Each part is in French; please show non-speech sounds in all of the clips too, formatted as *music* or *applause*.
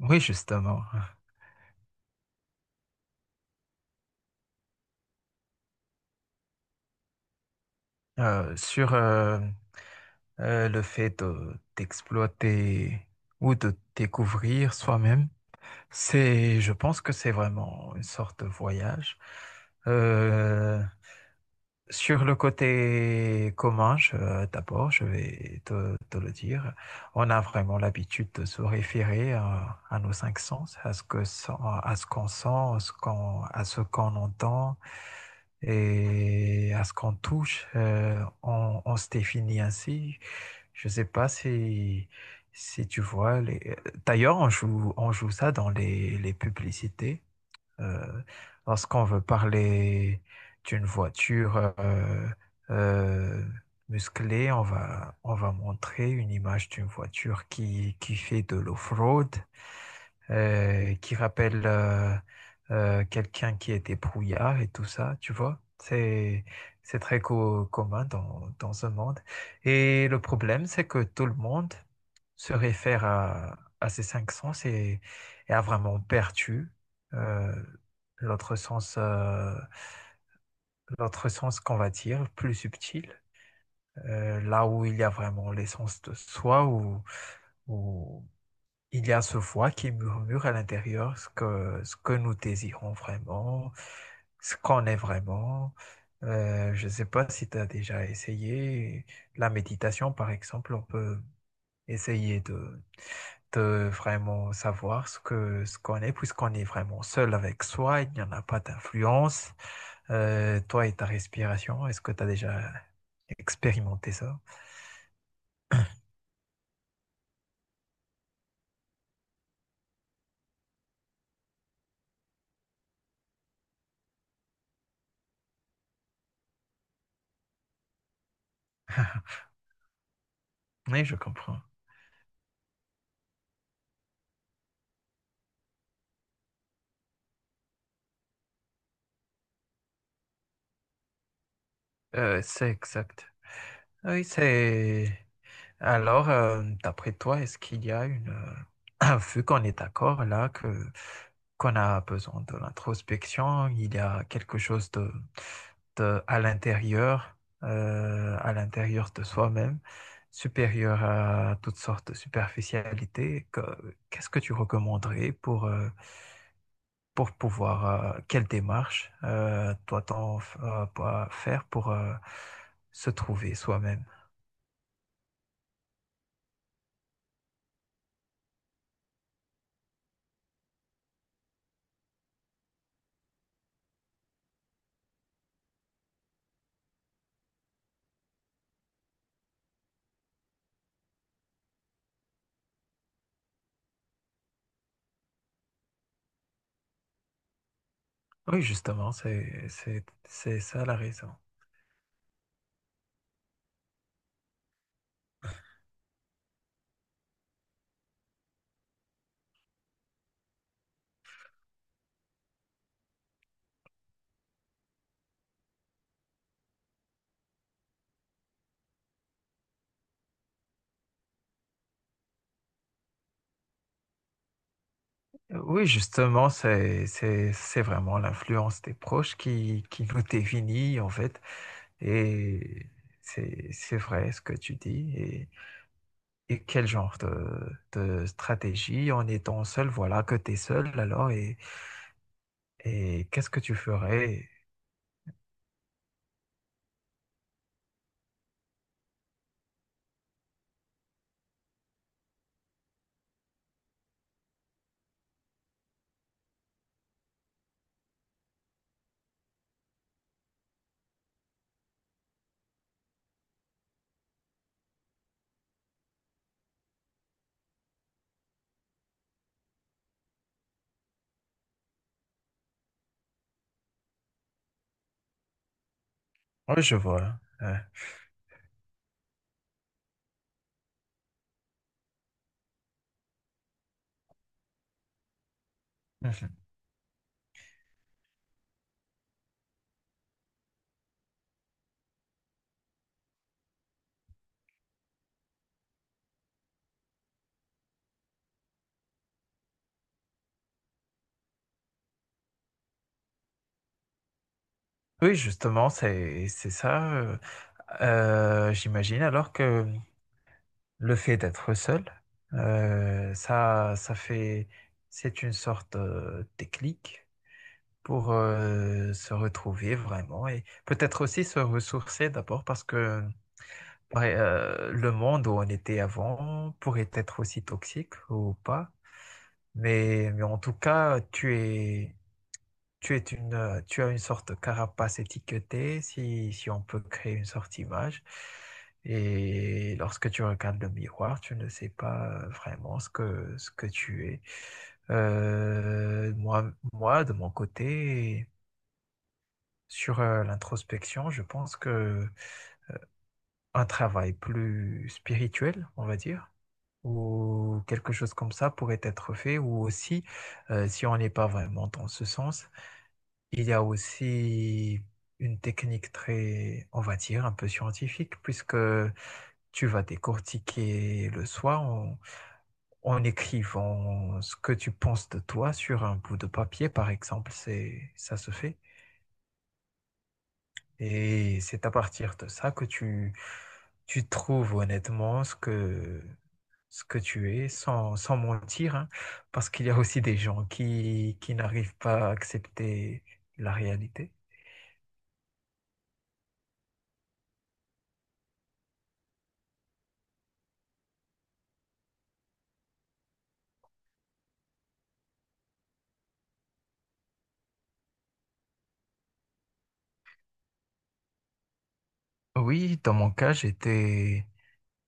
Oui, justement. Sur le d'exploiter ou de découvrir soi-même, c'est, je pense que c'est vraiment une sorte de voyage. Euh, Sur le côté commun, d'abord, je vais te le dire, on a vraiment l'habitude de se référer à nos cinq sens, à ce qu'on sent, à ce qu'on entend et à ce qu'on touche. On se définit ainsi. Je ne sais pas si tu vois. D'ailleurs, on joue ça dans les publicités. Euh, Lorsqu'on veut parler d'une voiture euh, musclée, on va montrer une image d'une voiture qui fait de l'off-road, qui rappelle quelqu'un qui est débrouillard et tout ça, tu vois. C'est très commun dans ce monde. Et le problème, c'est que tout le monde se réfère à ces cinq sens et a vraiment perdu euh, l'autre sens, euh, l'autre sens qu'on va dire, plus subtil, là où il y a vraiment l'essence de soi, où il y a ce voix qui murmure à l'intérieur ce que nous désirons vraiment, ce qu'on est vraiment. Je ne sais pas si tu as déjà essayé la méditation, par exemple, on peut essayer de vraiment savoir ce qu'on est, puisqu'on est vraiment seul avec soi, il n'y en a pas d'influence. Toi et ta respiration, est-ce que tu as déjà expérimenté ça? Oui, je comprends. C'est exact. Oui. Alors, d'après toi, est-ce qu'il y a *clears throat* Vu qu'on est d'accord là que qu'on a besoin de l'introspection, il y a quelque chose de- à l'intérieur, à l'intérieur de soi-même, supérieur à toutes sortes de superficialités. Qu'est-ce que tu recommanderais pour pouvoir, quelle démarche doit-on pas faire pour se trouver soi-même? Oui, justement, c'est ça la raison. Oui, justement, c'est vraiment l'influence des proches qui nous définit, en fait. Et c'est vrai ce que tu dis. Et quel genre de stratégie en étant seul, voilà que tu es seul alors, et qu'est-ce que tu ferais? Oui, je vois. Ouais. Oui, justement, c'est ça, j'imagine alors que le fait d'être seul, ça ça fait c'est une sorte, de déclic pour, se retrouver vraiment et peut-être aussi se ressourcer d'abord parce que, ouais, le monde où on était avant pourrait être aussi toxique ou pas, mais en tout cas, tu as une sorte de carapace étiquetée, si on peut créer une sorte image. Et lorsque tu regardes le miroir, tu ne sais pas vraiment ce que tu es. Moi, de mon côté, sur l'introspection, je pense que un travail plus spirituel, on va dire, ou quelque chose comme ça pourrait être fait, ou aussi, si on n'est pas vraiment dans ce sens, il y a aussi une technique très, on va dire, un peu scientifique, puisque tu vas décortiquer le soir en écrivant ce que tu penses de toi sur un bout de papier, par exemple. C'est, ça se fait. Et c'est à partir de ça que tu trouves honnêtement ce que tu es, sans mentir, hein, parce qu'il y a aussi des gens qui n'arrivent pas à accepter la réalité. Oui, dans mon cas,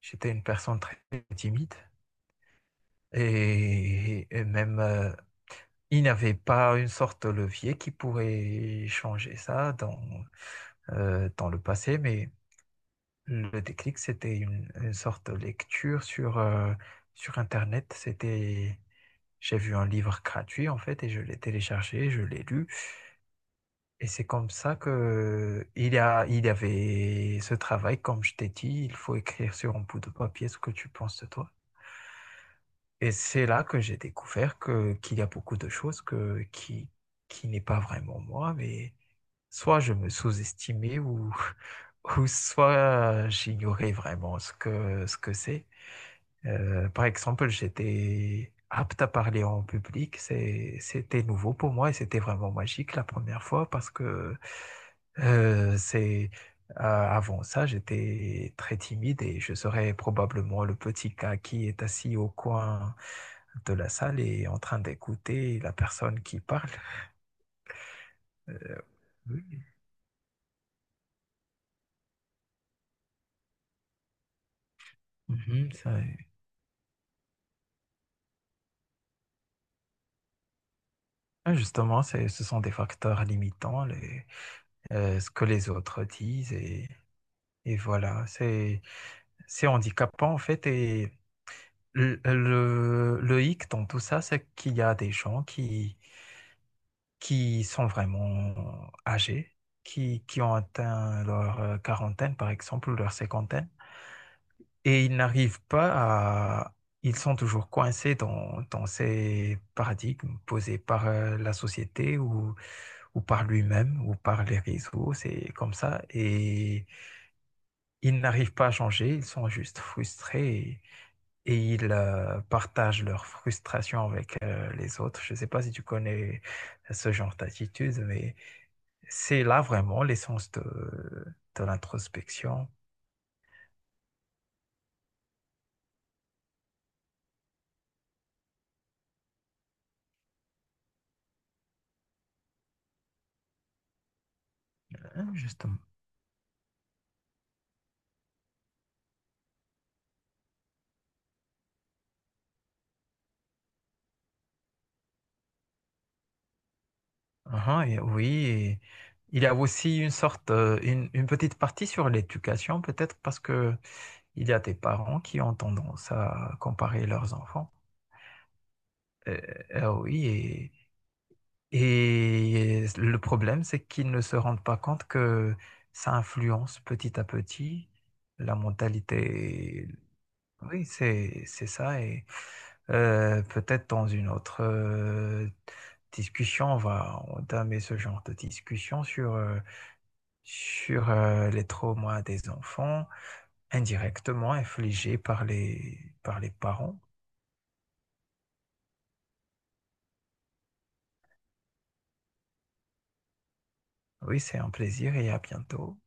j'étais une personne très timide et même il n'y avait pas une sorte de levier qui pourrait changer ça dans le passé, mais le déclic, c'était une sorte de lecture sur Internet. J'ai vu un livre gratuit en fait et je l'ai téléchargé, je l'ai lu. Et c'est comme ça que il y avait ce travail, comme je t'ai dit, il faut écrire sur un bout de papier ce que tu penses de toi. Et c'est là que j'ai découvert que qu'il y a beaucoup de choses que qui n'est pas vraiment moi, mais soit je me sous-estimais ou *laughs* ou soit j'ignorais vraiment ce que c'est. Par exemple, j'étais apte à parler en public. C'était nouveau pour moi et c'était vraiment magique la première fois parce que c'est avant ça, j'étais très timide et je serais probablement le petit gars qui est assis au coin de la salle et en train d'écouter la personne qui parle. Euh, oui. Mhm, ça- ah, justement, ce sont des facteurs limitants, ce que les autres disent et voilà, c'est handicapant en fait et le hic dans tout ça, c'est qu'il y a des gens qui sont vraiment âgés, qui ont atteint leur quarantaine par exemple ou leur cinquantaine et ils n'arrivent pas. Ils sont toujours coincés dans ces paradigmes posés par la société ou par lui-même ou par les réseaux, c'est comme ça et ils n'arrivent pas à changer, ils sont juste frustrés et ils partagent leurs frustrations avec les autres. Je ne sais pas si tu connais ce genre d'attitude, mais c'est là vraiment l'essence de l'introspection. Hein, justement. Uhum. Et oui, il y a aussi une petite partie sur l'éducation, peut-être parce que il y a des parents qui ont tendance à comparer leurs enfants. Euh, oui. Et le problème, c'est qu'ils ne se rendent pas compte que ça influence petit à petit la mentalité. Oui, c'est ça. Et peut-être dans une autre discussion, on va entamer ce genre de discussion sur sur les traumas des enfants indirectement infligés par les parents. Oui, c'est un plaisir et à bientôt.